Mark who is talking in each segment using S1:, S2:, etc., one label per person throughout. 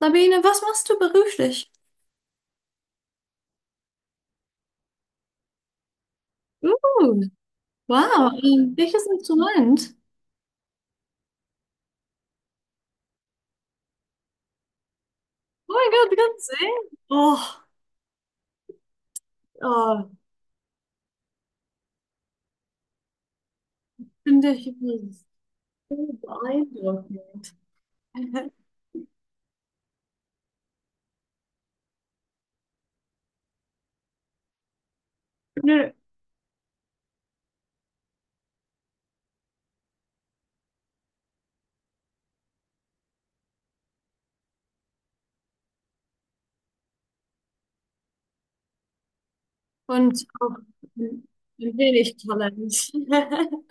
S1: Sabine, was machst du beruflich? Uh, wow, welches Instrument? Oh mein Gott, du kannst singen? Oh, oh, finde ich so beeindruckend. Nö, und auch ein ein wenig Talent.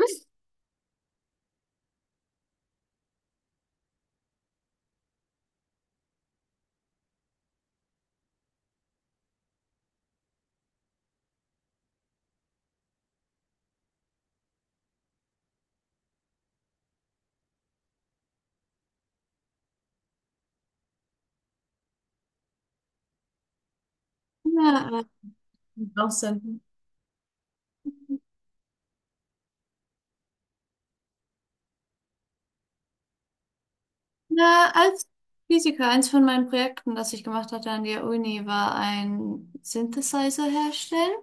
S1: Ja, draußen. Na, als Physiker, eins von meinen Projekten, das ich gemacht hatte an der Uni, war ein Synthesizer herstellen.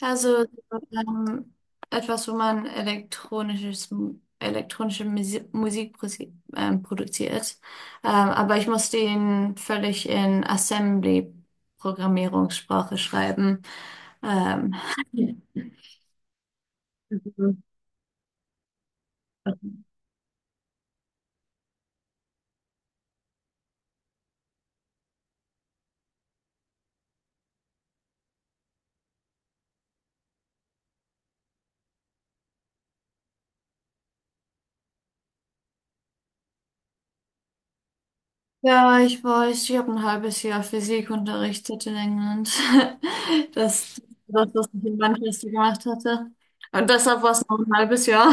S1: Also ähm, etwas, wo man elektronisches, elektronische Musik produziert. Aber ich musste ihn völlig in Assembly-Programmierungssprache schreiben. Ähm, Ja, ich weiß, ich habe ein halbes Jahr Physik unterrichtet in England. Das, das, was ich in Manchester gemacht hatte. Und deshalb war es noch ein halbes Jahr.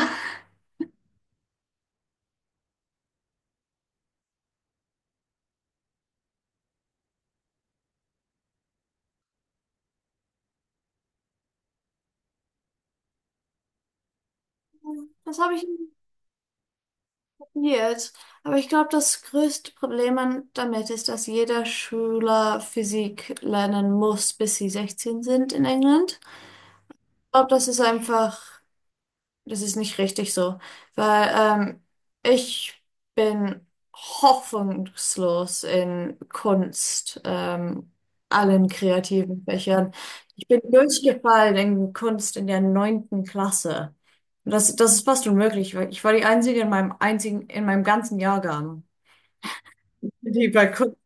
S1: Das habe ich nie probiert. Aber ich glaube, das größte Problem damit ist, dass jeder Schüler Physik lernen muss, bis sie 16 sind in England. Ich glaube, das ist einfach. Das ist nicht richtig so, weil ich bin hoffnungslos in Kunst, allen kreativen Fächern. Ich bin durchgefallen in Kunst in der neunten Klasse. Und das ist fast unmöglich, weil ich war die Einzige in meinem einzigen, in meinem ganzen Jahrgang, die bei Kunst.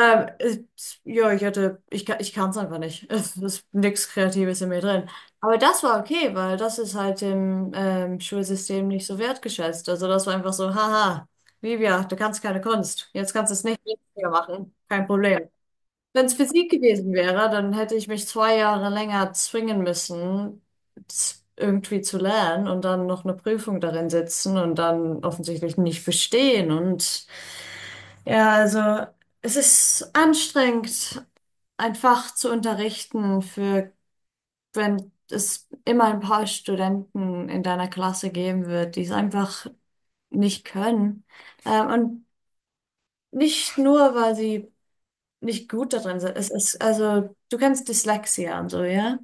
S1: Ähm, es- ja, ich hatte, ich, ka- ich kann es einfach nicht. Es ist nichts Kreatives in mir drin. Aber das war okay, weil das ist halt im Schulsystem nicht so wertgeschätzt. Also das war einfach so, haha, Livia, du kannst keine Kunst. Jetzt kannst du es nicht mehr machen. Kein Problem. Wenn es Physik gewesen wäre, dann hätte ich mich 2 Jahre länger zwingen müssen, irgendwie zu lernen und dann noch eine Prüfung darin sitzen und dann offensichtlich nicht bestehen und ja, also es ist anstrengend, ein Fach zu unterrichten für, wenn es immer ein paar Studenten in deiner Klasse geben wird, die es einfach nicht können. Und nicht nur, weil sie nicht gut darin sind. Es ist, also du kennst Dyslexia und so, ja?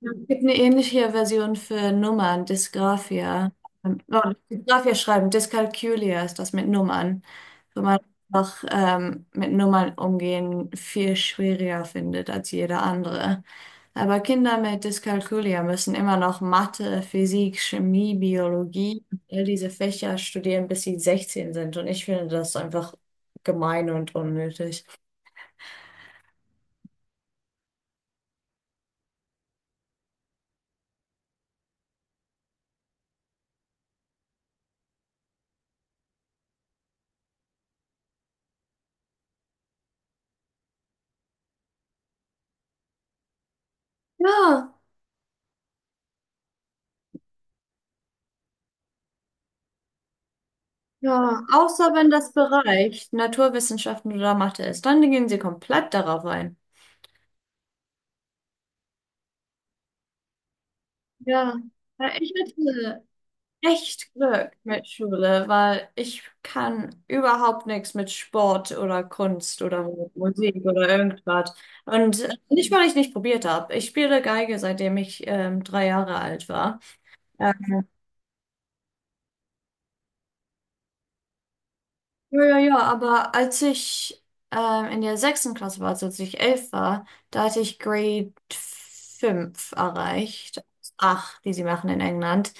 S1: Ja, es gibt eine ähnliche Version für Nummern, Dysgraphia. Oh, Dysgraphia schreiben, Dyskalkulia ist das mit Nummern. Wo man einfach mit Nummern umgehen viel schwieriger findet als jeder andere. Aber Kinder mit Dyskalkulia müssen immer noch Mathe, Physik, Chemie, Biologie, all diese Fächer studieren, bis sie 16 sind. Und ich finde das einfach gemein und unnötig. Ja. Ja, außer wenn das Bereich Naturwissenschaften oder Mathe ist, dann gehen sie komplett darauf ein. Ja, ja, ich hatte echt Glück mit Schule, weil ich kann überhaupt nichts mit Sport oder Kunst oder mit Musik oder irgendwas. Und nicht, weil ich nicht probiert habe. Ich spiele Geige, seitdem ich 3 Jahre alt war. Ja, ja, ja, aber als ich in der sechsten Klasse war, also als ich 11 war, da hatte ich Grade 5 erreicht. Acht, die sie machen in England.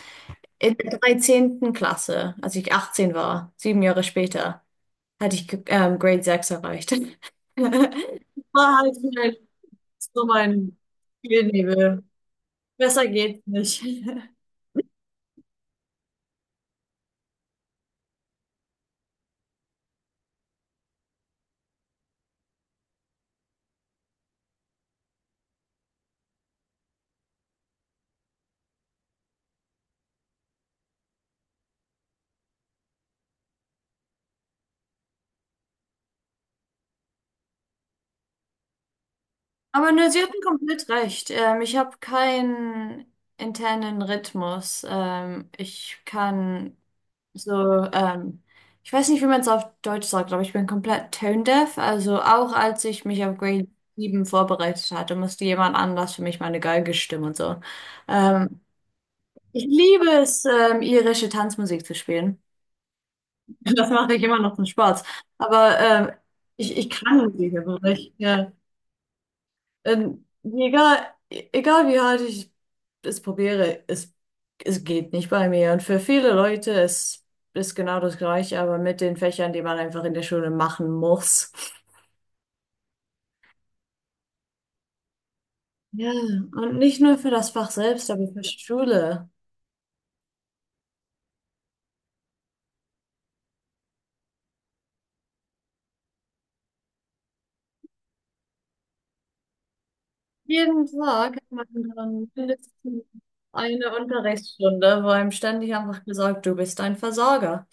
S1: In der 13. Klasse, als ich 18 war, 7 Jahre später, hatte ich Grade 6 erreicht. War halt mein, so mein Spielnebel. Besser geht's nicht. Aber ne, Sie hatten komplett recht. Ich habe keinen internen Rhythmus. Ich kann so, ich weiß nicht, wie man es auf Deutsch sagt, aber ich bin komplett tone deaf. Also auch als ich mich auf Grade 7 vorbereitet hatte, musste jemand anders für mich meine Geige stimmen und so. Ähm, Ich liebe es, irische Tanzmusik zu spielen. Das mache ich immer noch zum Spaß. Aber ich, ich kann Musik, aber ich, ja. Egal, egal wie hart ich es probiere, es geht nicht bei mir. Und für viele Leute ist, genau das Gleiche, aber mit den Fächern, die man einfach in der Schule machen muss. Ja, und nicht nur für das Fach selbst, aber für die Schule. Jeden Tag hat man dann mindestens eine Unterrichtsstunde, wo einem ständig einfach gesagt, du bist ein Versager.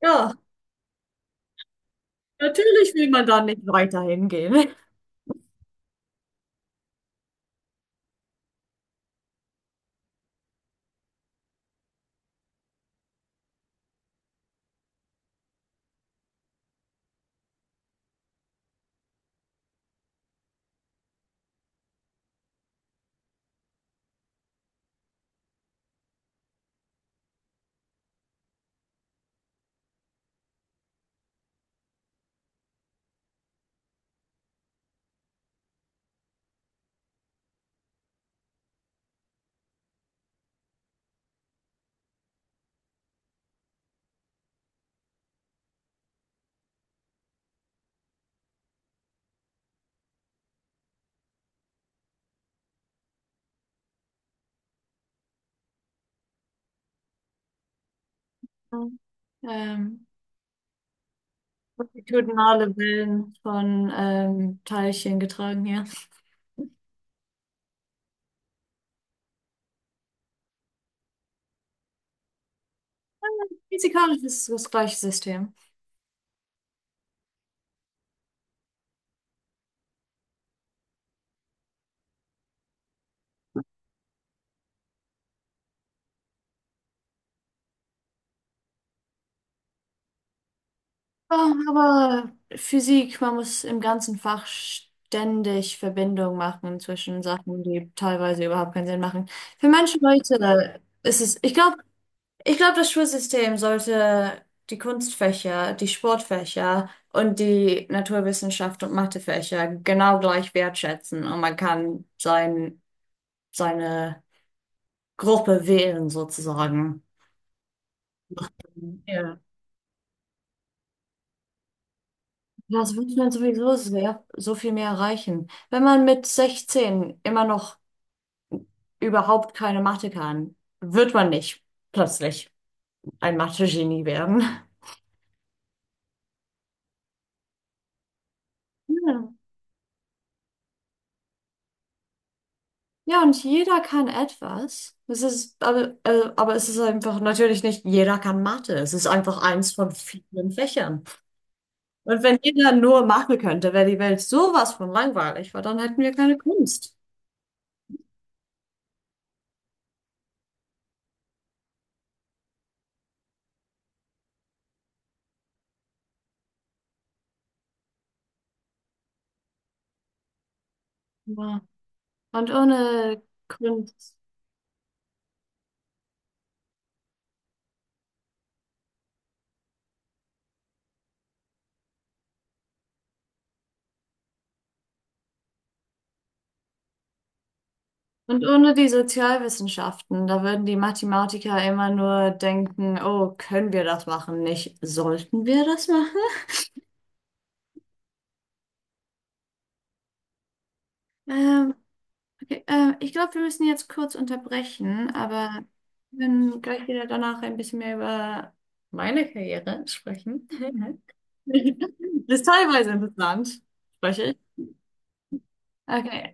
S1: Ja, natürlich will man da nicht weiter hingehen. Ähm, Longitudinale Wellen von Teilchen getragen, ja. Physikalisch ist es das gleiche System. Ja, aber Physik, man muss im ganzen Fach ständig Verbindungen machen zwischen Sachen, die teilweise überhaupt keinen Sinn machen. Für manche Leute ist es, ich glaube, das Schulsystem sollte die Kunstfächer, die Sportfächer und die Naturwissenschaft und Mathefächer genau gleich wertschätzen und man kann seine Gruppe wählen sozusagen. Ja. Das wird man sowieso sehr, so viel mehr erreichen. Wenn man mit 16 immer noch überhaupt keine Mathe kann, wird man nicht plötzlich ein Mathe-Genie werden. Ja, ja, und jeder kann etwas. Es ist, aber es ist einfach natürlich nicht, jeder kann Mathe. Es ist einfach eins von vielen Fächern. Und wenn jeder nur Mathe könnte, wäre die Welt sowas von langweilig, weil dann hätten wir keine Kunst. Ja. Und ohne Kunst und ohne die Sozialwissenschaften, da würden die Mathematiker immer nur denken, oh, können wir das machen? Nicht, sollten wir das machen? Ähm, okay, ich glaube, wir müssen jetzt kurz unterbrechen, aber wir können gleich wieder danach ein bisschen mehr über meine Karriere sprechen. Das ist teilweise interessant, spreche ich. Okay.